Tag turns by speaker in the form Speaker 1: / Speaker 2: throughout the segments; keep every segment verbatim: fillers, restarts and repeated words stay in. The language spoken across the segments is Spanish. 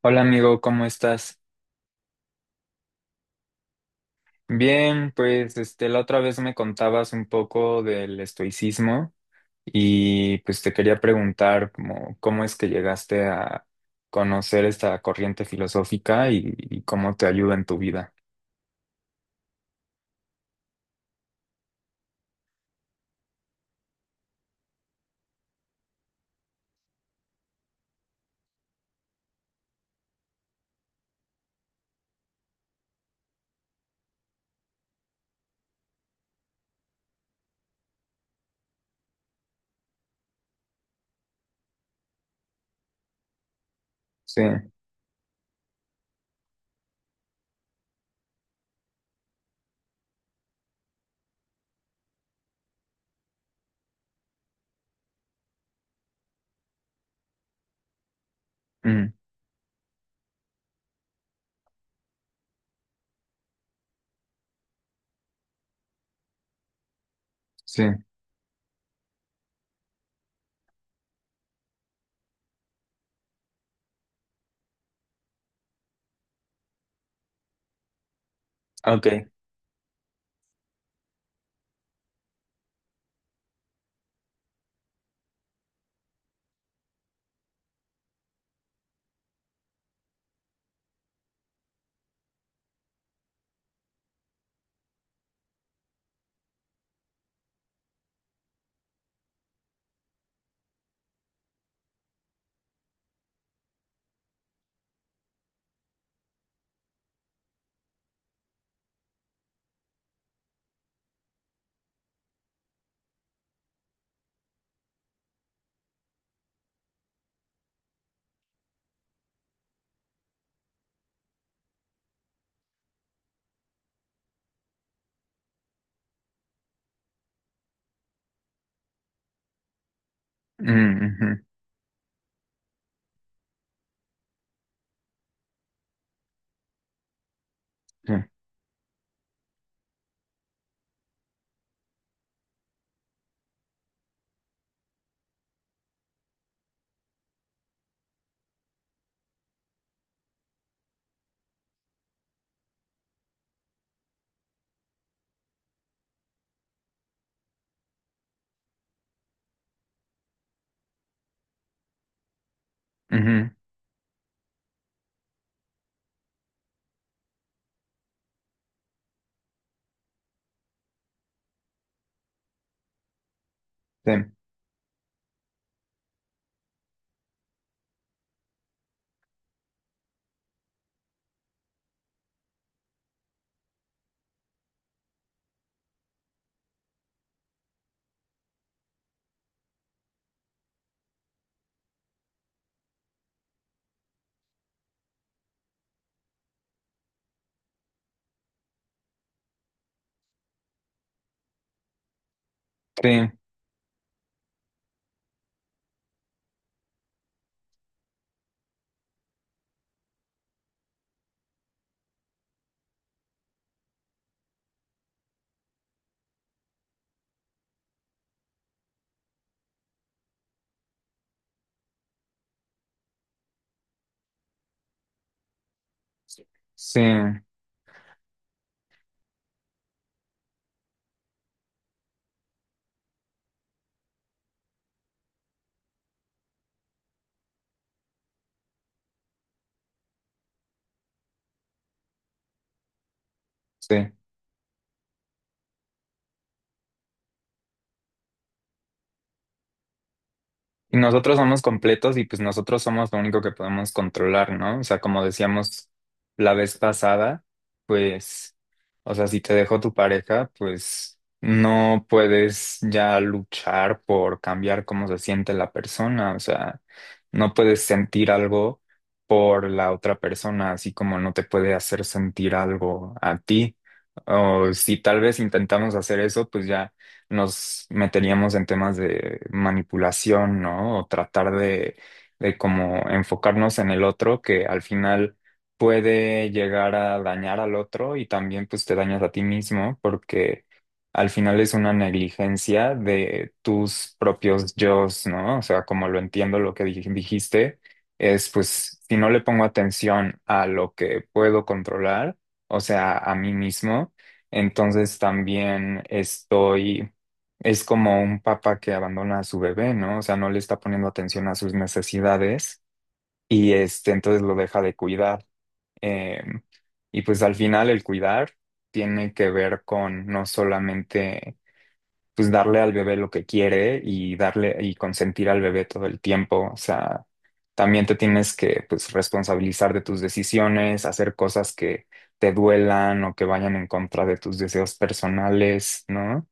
Speaker 1: Hola amigo, ¿cómo estás? Bien, pues este, la otra vez me contabas un poco del estoicismo y pues te quería preguntar cómo, cómo es que llegaste a conocer esta corriente filosófica y, y cómo te ayuda en tu vida. Sí, mm, sí, ok. Mm, ujú, sí, ujú, sí, sí, sí, sí. Y nosotros somos completos y pues nosotros somos lo único que podemos controlar, ¿no? O sea, como decíamos la vez pasada, pues, o sea, si te dejó tu pareja, pues no puedes ya luchar por cambiar cómo se siente la persona, o sea, no puedes sentir algo por la otra persona, así como no te puede hacer sentir algo a ti. O si tal vez intentamos hacer eso, pues ya nos meteríamos en temas de manipulación, ¿no? O tratar de, de como enfocarnos en el otro, que al final puede llegar a dañar al otro y también pues te dañas a ti mismo porque al final es una negligencia de tus propios yos, ¿no? O sea, como lo entiendo lo que dij- dijiste, es pues si no le pongo atención a lo que puedo controlar, o sea, a mí mismo, entonces también estoy, es como un papá que abandona a su bebé, ¿no? O sea, no le está poniendo atención a sus necesidades y este, entonces lo deja de cuidar. Eh, y pues al final el cuidar tiene que ver con no solamente pues darle al bebé lo que quiere y darle y consentir al bebé todo el tiempo. O sea, también te tienes que pues responsabilizar de tus decisiones, hacer cosas que te duelan o que vayan en contra de tus deseos personales, ¿no?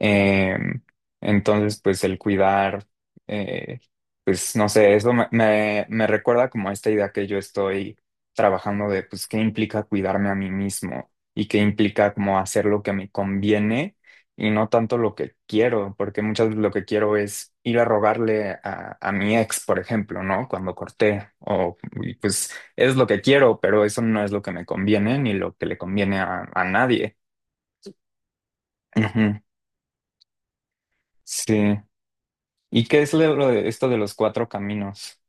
Speaker 1: Eh, entonces, pues el cuidar, eh, pues no sé, eso me, me, me recuerda como a esta idea que yo estoy trabajando de, pues, qué implica cuidarme a mí mismo y qué implica como hacer lo que me conviene y no tanto lo que quiero, porque muchas veces lo que quiero es ir a rogarle a, a mi ex, por ejemplo, ¿no? Cuando corté, o y pues es lo que quiero, pero eso no es lo que me conviene ni lo que le conviene a, a nadie. Ujú, sí. ¿Y qué es lo de esto de los cuatro caminos?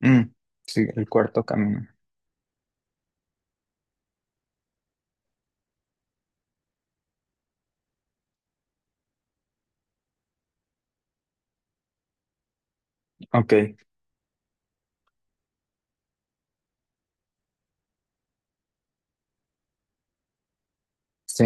Speaker 1: Mm, sí, el cuarto camino. Ok, sí.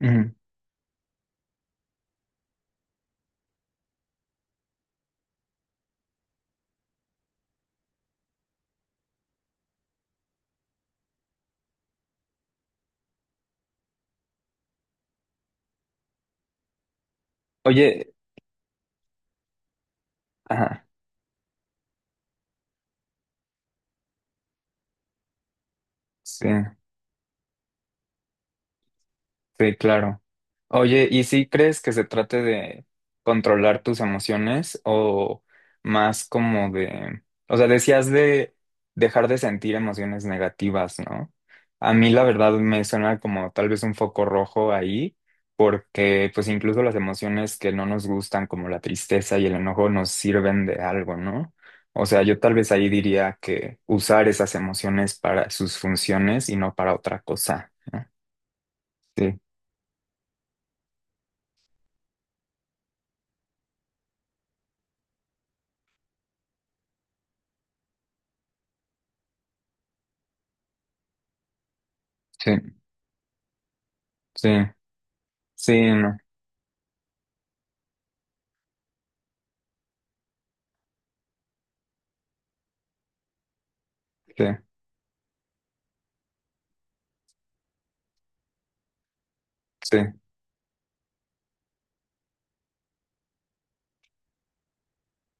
Speaker 1: Ujú. Oye, ajá, sí. Sí, claro. Oye, ¿y si crees que se trate de controlar tus emociones o más como de, o sea, decías de dejar de sentir emociones negativas, ¿no? A mí la verdad me suena como tal vez un foco rojo ahí, porque pues incluso las emociones que no nos gustan, como la tristeza y el enojo, nos sirven de algo, ¿no? O sea, yo tal vez ahí diría que usar esas emociones para sus funciones y no para otra cosa. Sí, sí, sí. Sí, no, sí, sí,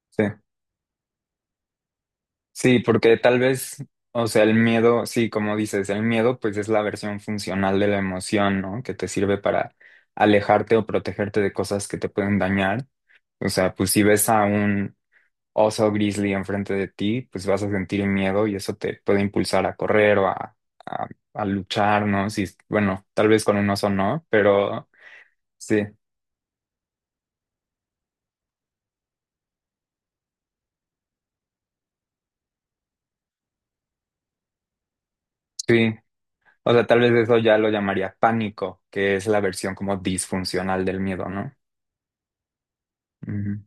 Speaker 1: sí. Sí, porque tal vez, o sea, el miedo, sí, como dices, el miedo pues es la versión funcional de la emoción, ¿no? Que te sirve para alejarte o protegerte de cosas que te pueden dañar. O sea, pues si ves a un oso grizzly enfrente de ti, pues vas a sentir miedo y eso te puede impulsar a correr o a, a, a luchar, ¿no? Sí, bueno, tal vez con un oso no, pero sí, sí. O sea, tal vez eso ya lo llamaría pánico, que es la versión como disfuncional del miedo, ¿no? Ujú.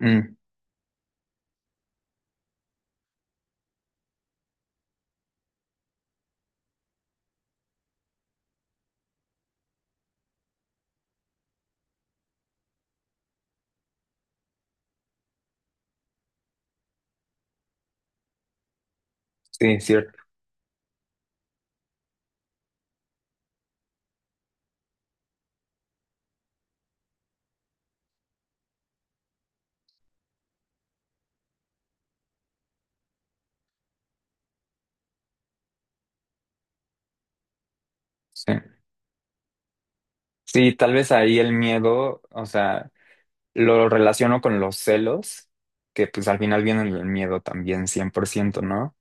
Speaker 1: Mm, sí, cierto. Sí. Sí, tal vez ahí el miedo, o sea, lo relaciono con los celos, que pues al final vienen del miedo también, cien por ciento, ¿no?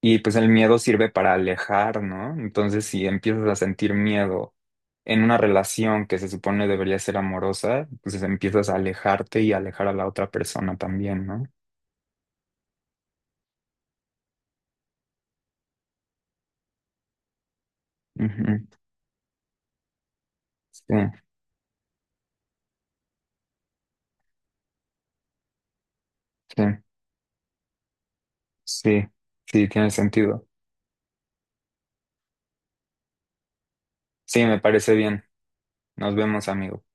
Speaker 1: Y pues el miedo sirve para alejar, ¿no? Entonces, si empiezas a sentir miedo en una relación que se supone debería ser amorosa, pues empiezas a alejarte y alejar a la otra persona también, ¿no? Ujú. Sí, sí. Sí, sí, tiene sentido. Sí, me parece bien. Nos vemos, amigo.